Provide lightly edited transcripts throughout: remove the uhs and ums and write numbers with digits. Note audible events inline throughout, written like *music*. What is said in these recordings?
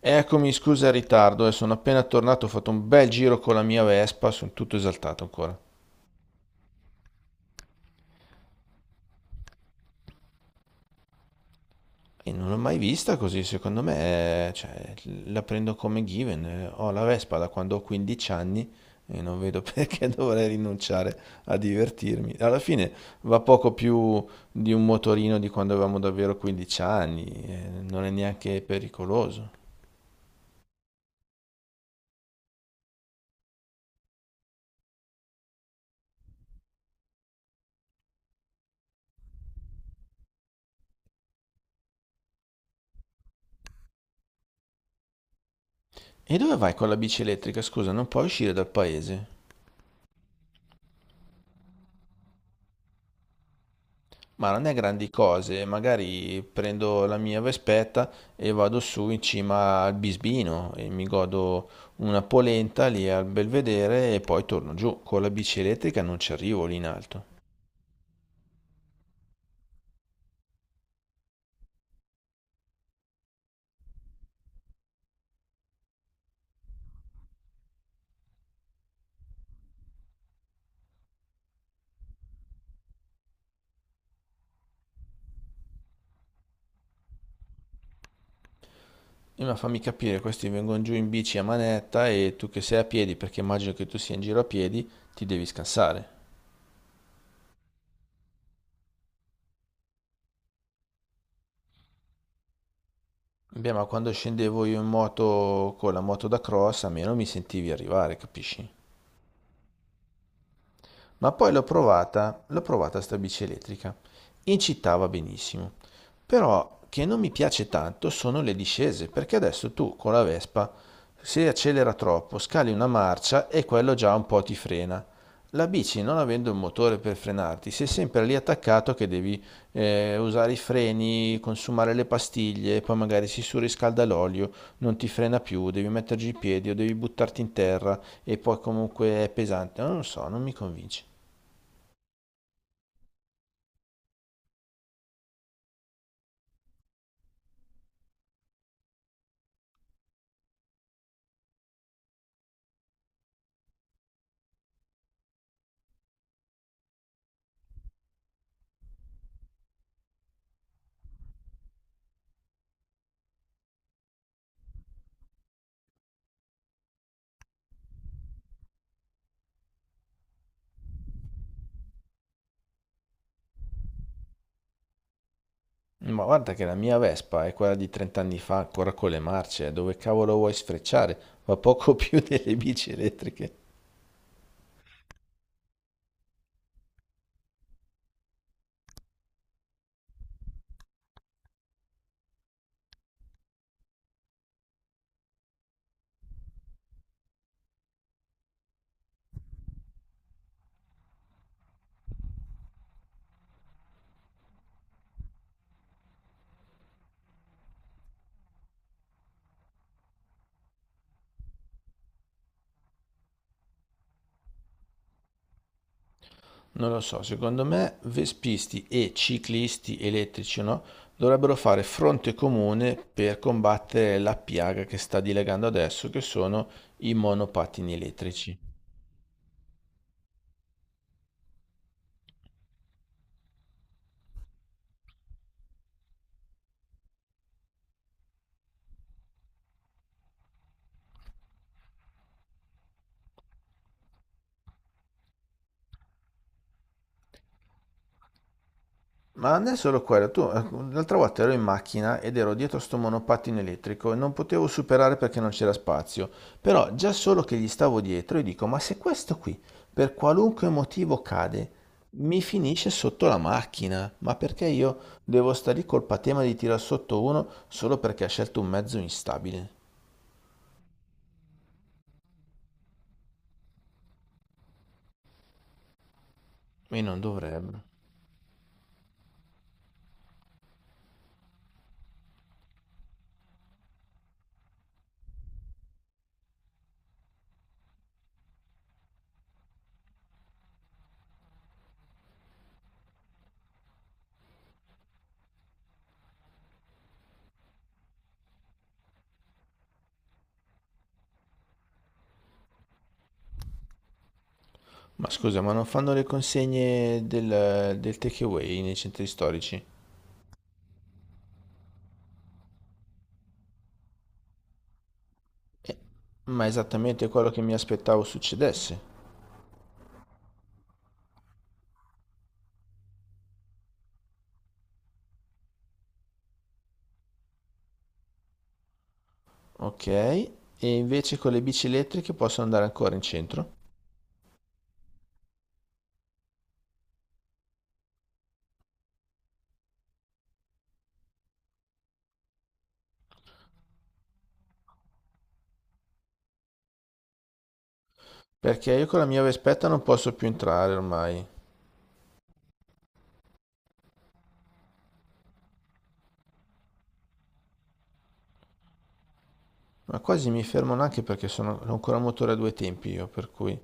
Eccomi, scusa il ritardo, sono appena tornato, ho fatto un bel giro con la mia Vespa, sono tutto esaltato ancora. E non l'ho mai vista così, secondo me, la prendo come given. Ho la Vespa da quando ho 15 anni e non vedo *laughs* perché dovrei rinunciare a divertirmi. Alla fine va poco più di un motorino di quando avevamo davvero 15 anni, non è neanche pericoloso. E dove vai con la bici elettrica? Scusa, non puoi uscire dal paese? Ma non è grandi cose, magari prendo la mia vespetta e vado su in cima al Bisbino e mi godo una polenta lì al Belvedere e poi torno giù. Con la bici elettrica non ci arrivo lì in alto. E ma fammi capire, questi vengono giù in bici a manetta e tu che sei a piedi, perché immagino che tu sia in giro a piedi, ti devi scansare. Beh, ma quando scendevo io in moto con la moto da cross, almeno mi sentivi arrivare, capisci? Ma poi l'ho provata sta bici elettrica. In città va benissimo. Però che non mi piace tanto sono le discese, perché adesso tu con la Vespa, se accelera troppo, scali una marcia e quello già un po' ti frena. La bici, non avendo un motore per frenarti, sei sempre lì attaccato che devi usare i freni, consumare le pastiglie, poi magari si surriscalda l'olio, non ti frena più, devi metterci i piedi o devi buttarti in terra e poi comunque è pesante. Non lo so, non mi convince. Ma guarda che la mia Vespa è quella di 30 anni fa, ancora con le marce, dove cavolo vuoi sfrecciare? Va poco *laughs* più delle bici elettriche. Non lo so, secondo me vespisti e ciclisti elettrici, no? Dovrebbero fare fronte comune per combattere la piaga che sta dilegando adesso, che sono i monopattini elettrici. Ma non è solo quello, tu l'altra volta ero in macchina ed ero dietro a sto monopattino elettrico e non potevo superare perché non c'era spazio, però già solo che gli stavo dietro e dico, ma se questo qui per qualunque motivo cade, mi finisce sotto la macchina, ma perché io devo stare lì col patema di tirar sotto uno solo perché ha scelto un mezzo instabile? E non dovrebbero. Ma scusa, ma non fanno le consegne del takeaway nei centri storici? Eh, Ma è esattamente quello che mi aspettavo succedesse. Ok, e invece con le bici elettriche posso andare ancora in centro? Perché io con la mia Vespetta non posso più entrare ormai. Ma quasi mi fermano anche perché sono ho ancora un motore a due tempi io, per cui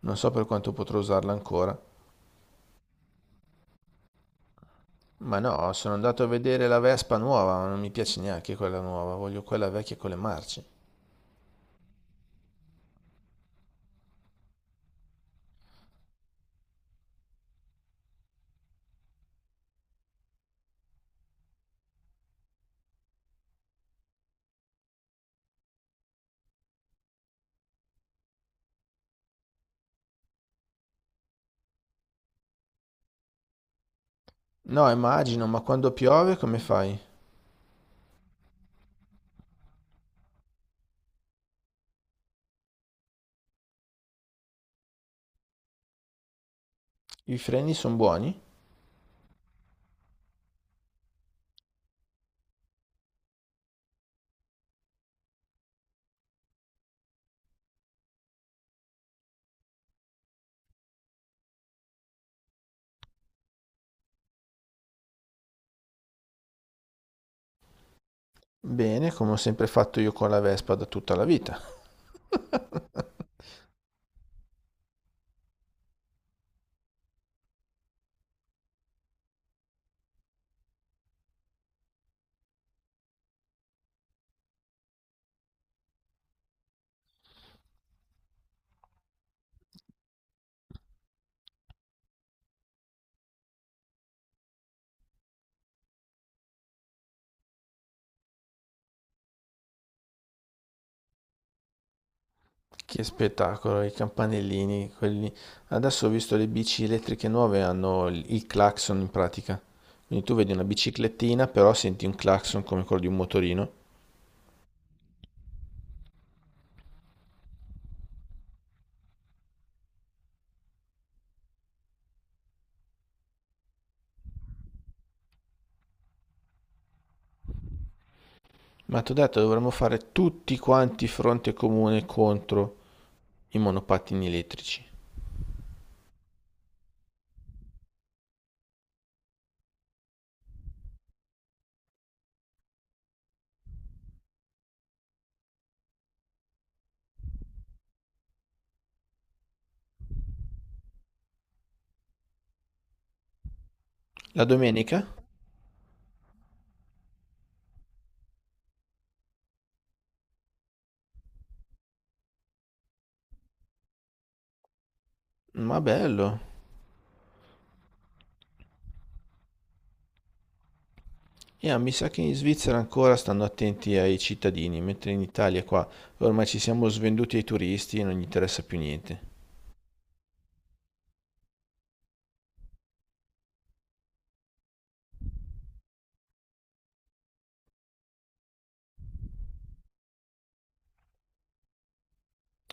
non so per quanto potrò usarla ancora. Ma no, sono andato a vedere la Vespa nuova, ma non mi piace neanche quella nuova, voglio quella vecchia con le marce. No, immagino, ma quando piove come fai? I freni sono buoni? Bene, come ho sempre fatto io con la Vespa da tutta la vita. *laughs* Che spettacolo, i campanellini, quelli. Adesso ho visto le bici elettriche nuove, hanno il clacson in pratica. Quindi tu vedi una biciclettina, però senti un clacson come quello di un motorino. Ma ti ho detto, dovremmo fare tutti quanti fronte comune contro i monopattini elettrici. La domenica? Ma bello. Yeah, mi sa che in Svizzera ancora stanno attenti ai cittadini, mentre in Italia qua ormai ci siamo svenduti ai turisti e non gli interessa più niente.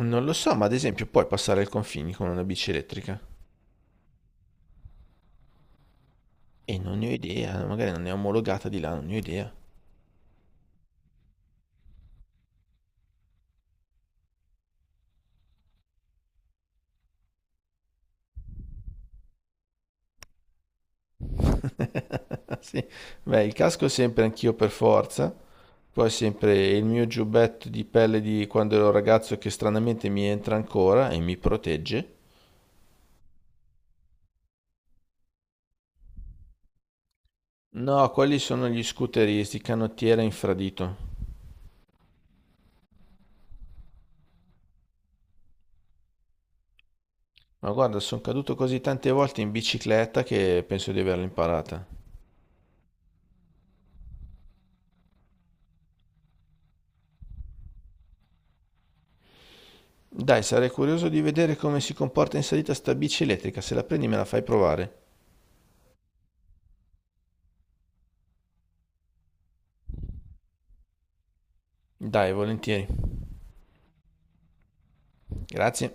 Non lo so, ma ad esempio puoi passare il confine con una bici elettrica. E non ne ho idea, magari non è omologata di là, non ne ho idea. *laughs* Sì, beh, il casco sempre anch'io per forza, poi sempre il mio giubbetto di pelle di quando ero ragazzo che stranamente mi entra ancora e mi protegge. No, quelli sono gli scooteristi, canottiera infradito. Ma guarda, sono caduto così tante volte in bicicletta che penso di averla imparata. Dai, sarei curioso di vedere come si comporta in salita sta bici elettrica. Se la prendi me la fai provare. Dai, volentieri. Grazie.